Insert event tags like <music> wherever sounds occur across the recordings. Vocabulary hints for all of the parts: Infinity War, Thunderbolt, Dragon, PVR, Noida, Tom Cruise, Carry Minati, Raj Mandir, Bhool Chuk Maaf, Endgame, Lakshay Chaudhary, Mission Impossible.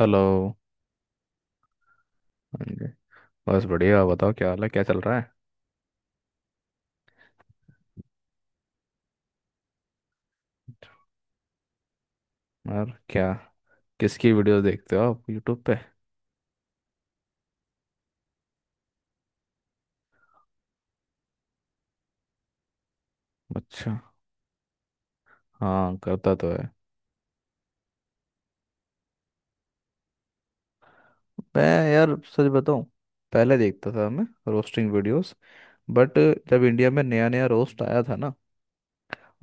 Hello. हाँ जी, बस बढ़िया, बताओ क्या हाल है, क्या चल रहा है, और क्या। किसकी वीडियोस देखते हो आप यूट्यूब पे? अच्छा, हाँ करता तो है। मैं, यार सच बताऊं, पहले देखता था मैं रोस्टिंग वीडियोस। बट जब इंडिया में नया नया रोस्ट आया था ना,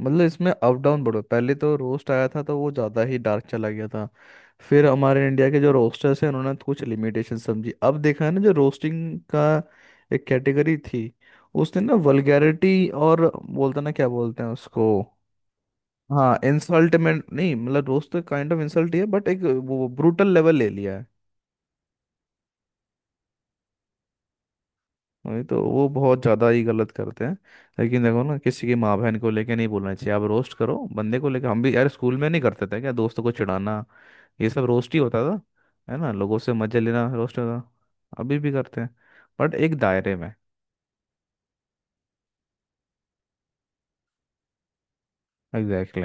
मतलब इसमें अप डाउन बढ़ो, पहले तो रोस्ट आया था तो वो ज़्यादा ही डार्क चला गया था। फिर हमारे इंडिया के जो रोस्टर्स हैं उन्होंने कुछ लिमिटेशन समझी, अब देखा है ना जो रोस्टिंग का एक कैटेगरी थी, उसने ना वल्गैरिटी, और बोलते ना क्या बोलते हैं उसको। हाँ, इंसल्ट में नहीं, मतलब रोस्ट तो काइंड ऑफ इंसल्ट ही है बट एक, वो ब्रूटल लेवल ले लिया है। वही तो, वो बहुत ज़्यादा ही गलत करते हैं। लेकिन देखो ना, किसी की माँ बहन को लेके नहीं बोलना चाहिए, आप रोस्ट करो बंदे को लेके। हम भी यार स्कूल में नहीं करते थे क्या दोस्तों को चिढ़ाना, ये सब रोस्ट ही होता था। है ना, लोगों से मजे लेना रोस्ट होता। अभी भी करते हैं, बट एक दायरे में। Exactly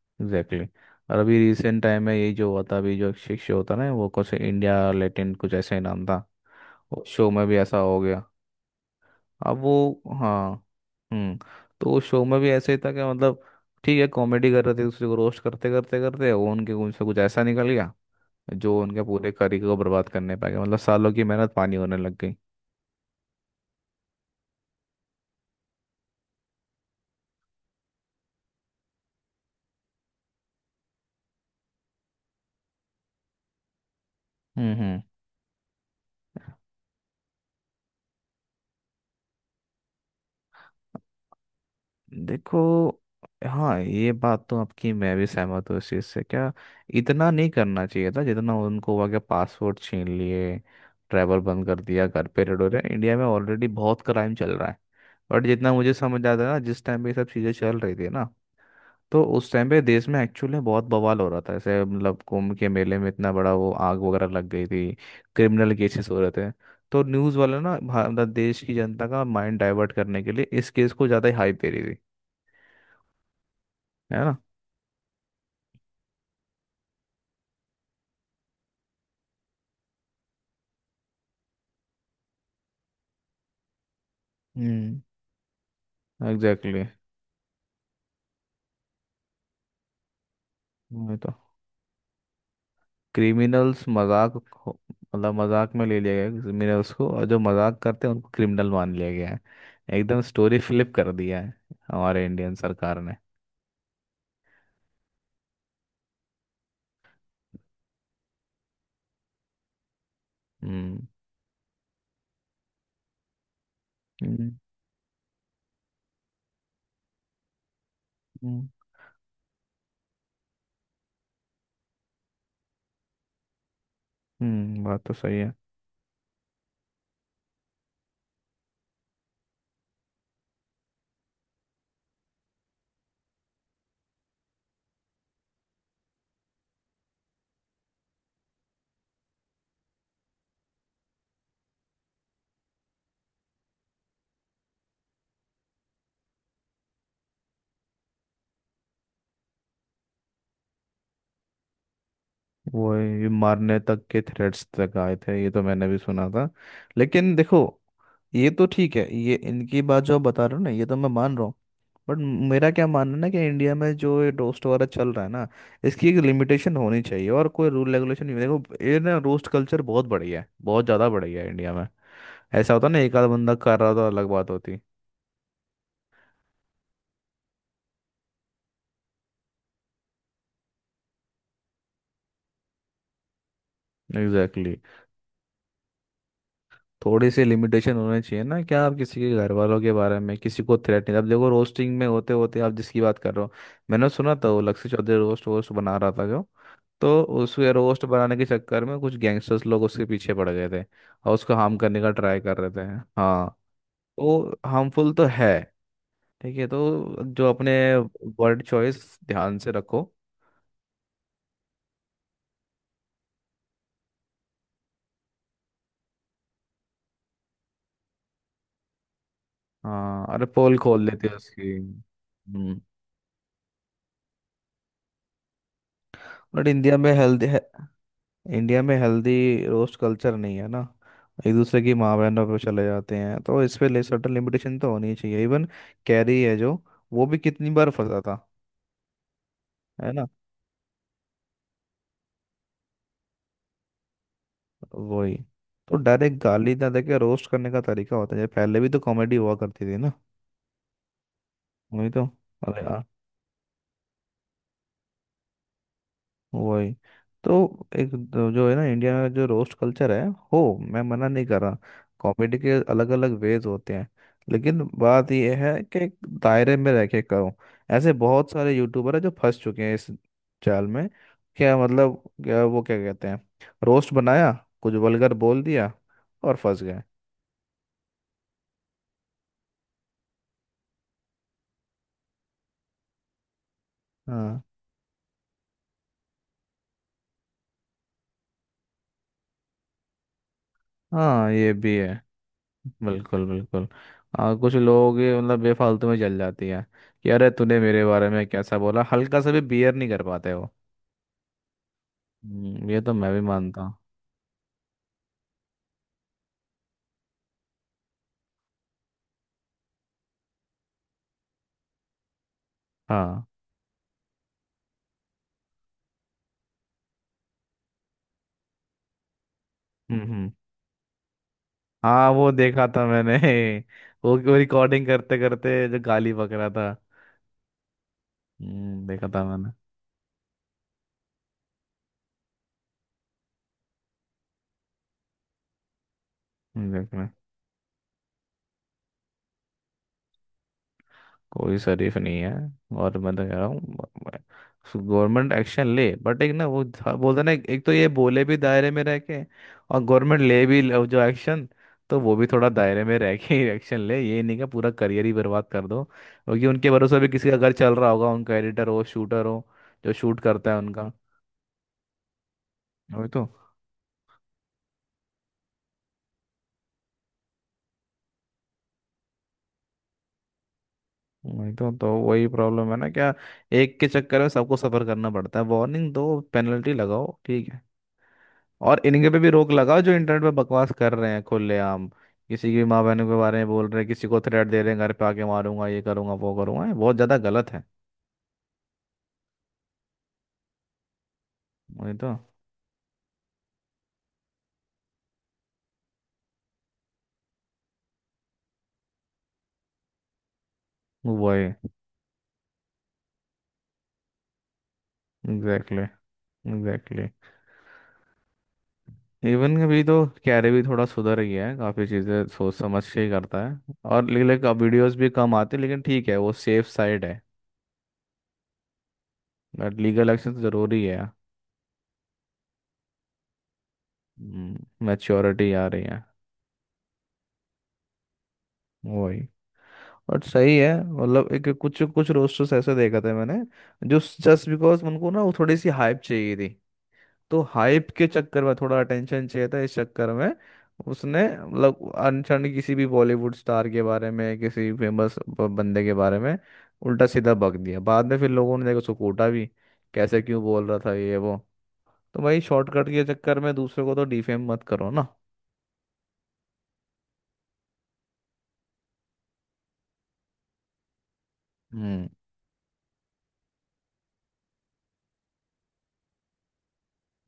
exactly. और अभी रिसेंट टाइम में ये जो हुआ था, अभी जो एक शिक्षक होता ना, वो कुछ इंडिया लेटेंट कुछ ऐसे ही नाम था, वो शो में भी ऐसा हो गया। अब वो हाँ, हम्म, तो उस शो में भी ऐसे ही था कि मतलब, ठीक है कॉमेडी कर रहे थे, एक दूसरे को रोस्ट करते करते करते वो उनके उनसे कुछ ऐसा निकल गया जो उनके पूरे करियर को बर्बाद करने पाएगा, मतलब सालों की मेहनत पानी होने लग गई। हम्म। देखो, हाँ, ये बात तो आपकी मैं भी सहमत हूँ इस चीज़ से, क्या इतना नहीं करना चाहिए था जितना उनको हुआ, कि पासपोर्ट छीन लिए, ट्रैवल बंद कर दिया, घर पे रेड हो रहे हैं। इंडिया में ऑलरेडी बहुत क्राइम चल रहा है, बट जितना मुझे समझ आता है ना, जिस टाइम पे ये सब चीज़ें चल रही थी ना, तो उस टाइम पे देश में एक्चुअली में बहुत बवाल हो रहा था ऐसे, मतलब कुंभ के मेले में इतना बड़ा वो आग वगैरह लग गई थी, क्रिमिनल केसेस हो रहे थे। तो न्यूज़ वाले ना, भारत मतलब देश की जनता का माइंड डाइवर्ट करने के लिए इस केस को ज़्यादा ही हाइप दे रही थी, है ना। हम्म, एग्जैक्टली exactly। वही तो, क्रिमिनल्स मजाक, मतलब मजाक में ले लिया गया क्रिमिनल्स को, और जो मजाक करते हैं उनको क्रिमिनल मान लिया गया है। एकदम स्टोरी फ्लिप कर दिया है हमारे इंडियन सरकार ने। हम्म हम्म, हम्म। हम्म, बात तो सही है। वो ये मारने तक के थ्रेट्स तक आए थे ये तो मैंने भी सुना था, लेकिन देखो, ये तो ठीक है, ये इनकी बात जो आप बता रहे हो ना ये तो मैं मान रहा हूँ। बट मेरा क्या मानना है ना, कि इंडिया में जो ये रोस्ट वगैरह चल रहा है ना, इसकी एक लिमिटेशन होनी चाहिए, और कोई रूल रेगुलेशन नहीं। देखो ये ना, रोस्ट कल्चर बहुत बढ़िया है, बहुत ज़्यादा बढ़िया है इंडिया में। ऐसा होता ना एक आध बंदा कर रहा था अलग बात होती। एग्जैक्टली। थोड़ी सी लिमिटेशन होनी चाहिए ना, क्या आप किसी के घर वालों के बारे में किसी को थ्रेट नहीं, अब देखो रोस्टिंग में होते होते आप जिसकी बात कर रहे हो, मैंने सुना था वो लक्ष्य चौधरी रोस्ट वोस्ट बना रहा था जो, तो उसके रोस्ट बनाने के चक्कर में कुछ गैंगस्टर्स लोग उसके पीछे पड़ गए थे और उसको हार्म करने का ट्राई कर रहे थे। हाँ, तो हार्मफुल तो है। ठीक है तो जो अपने वर्ड चॉइस ध्यान से रखो। हाँ अरे, पोल खोल लेते हैं उसकी। हम्म। बट इंडिया में हेल्थ, इंडिया में हेल्दी रोस्ट कल्चर नहीं है ना, एक दूसरे की माँ बहनों पे चले जाते हैं, तो इस पे ले सर्टन लिमिटेशन तो होनी चाहिए। इवन कैरी है जो, वो भी कितनी बार फंसा था, है ना। वही तो, डायरेक्ट गाली ना देके रोस्ट करने का तरीका होता है, पहले भी तो कॉमेडी हुआ करती थी ना। वही तो, अरे, वही तो, जो है ना इंडिया में जो रोस्ट कल्चर है हो, मैं मना नहीं कर रहा। कॉमेडी के अलग अलग वेज होते हैं, लेकिन बात यह है कि एक दायरे में रह के करो। ऐसे बहुत सारे यूट्यूबर हैं जो फंस चुके हैं इस जाल में। क्या मतलब क्या वो क्या कहते हैं, रोस्ट बनाया, कुछ वल्गर बोल दिया, और फंस गए। हाँ हाँ, ये भी है, बिल्कुल बिल्कुल। कुछ लोग ये मतलब बेफालतू में जल जाती हैं, कि अरे तूने मेरे बारे में कैसा बोला, हल्का सा भी बियर नहीं कर पाते वो। ये तो मैं भी मानता हूँ। हाँ, हम्म, हाँ वो देखा था मैंने। <laughs> वो रिकॉर्डिंग करते करते जो गाली बक रहा था, हम्म, देखा था मैंने। देखा। कोई शरीफ नहीं है, और मैं तो कह रहा हूँ गवर्नमेंट एक्शन ले, बट एक ना बोलते ना, एक एक तो ये बोले भी दायरे में रह के, और गवर्नमेंट ले भी लो जो एक्शन तो वो भी थोड़ा दायरे में रह के ही एक्शन ले। ये नहीं कि पूरा करियर ही बर्बाद कर दो, क्योंकि उनके भरोसे भी किसी का घर चल रहा होगा, उनका एडिटर हो, शूटर हो, जो शूट करता है उनका। वही तो, वही तो वही प्रॉब्लम है ना क्या, एक के चक्कर में सबको सफर करना पड़ता है। वार्निंग दो, पेनल्टी लगाओ, ठीक है, और इनके पे भी रोक लगाओ जो इंटरनेट पे बकवास कर रहे हैं खुलेआम, किसी की माँ बहनों के बारे में बोल रहे हैं, किसी को थ्रेट दे रहे हैं, घर पे आके मारूंगा, ये करूंगा, वो करूंगा, ये बहुत ज्यादा गलत है। वही तो, वही, एग्जैक्टली एग्जैक्टली। इवन अभी तो कैरे भी थोड़ा सुधर गया है, काफ़ी चीज़ें सोच समझ के ही करता है, और लेकिन अब वीडियोस भी कम आते हैं, लेकिन ठीक है वो सेफ साइड है। बट लीगल एक्शन तो ज़रूरी है। मैच्योरिटी आ रही है। वही, बट सही है मतलब, एक कुछ कुछ रोस्टर्स ऐसे देखा था मैंने जो, जस्ट बिकॉज उनको ना वो थोड़ी सी हाइप चाहिए थी, तो हाइप के चक्कर में थोड़ा अटेंशन चाहिए था, इस चक्कर में उसने मतलब अनशन किसी भी बॉलीवुड स्टार के बारे में, किसी फेमस बंदे के बारे में उल्टा सीधा बक दिया, बाद में फिर लोगों ने देखा उसको कूटा भी, कैसे क्यों बोल रहा था ये वो। तो भाई शॉर्टकट के चक्कर में दूसरे को तो डिफेम मत करो ना।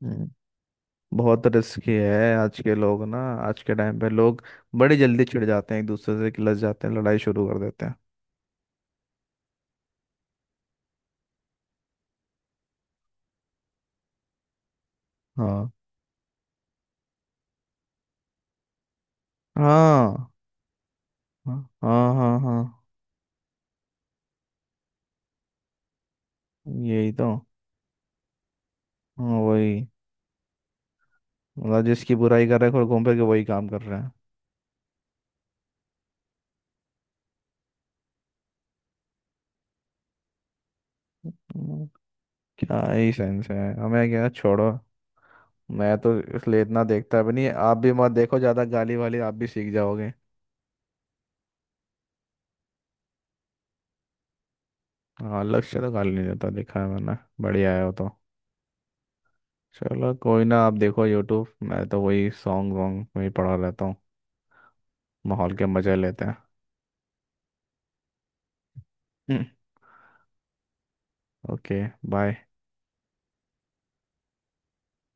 हम्म, बहुत रिस्की है। आज के लोग ना, आज के टाइम पे लोग बड़ी जल्दी चिढ़ जाते हैं एक दूसरे से, किलस जाते हैं, लड़ाई शुरू कर देते हैं। हाँ हाँ हाँ, हाँ हाँ हाँ, यही तो। हाँ वही, मतलब जिसकी बुराई कर रहे हैं और घूम फिर के वही काम कर रहे हैं। हम्म, क्या ही सेंस है, हमें क्या, छोड़ो। मैं तो इसलिए इतना देखता भी नहीं, आप भी मत देखो ज़्यादा, गाली वाली आप भी सीख जाओगे। हाँ लक्ष्य तो गाली नहीं देता, देखा है मैंने, बढ़िया है वो तो। चलो कोई ना, आप देखो यूट्यूब, मैं तो वही सॉन्ग वॉन्ग में ही पड़ा रहता हूँ, माहौल के मजे लेते हैं। Okay, bye.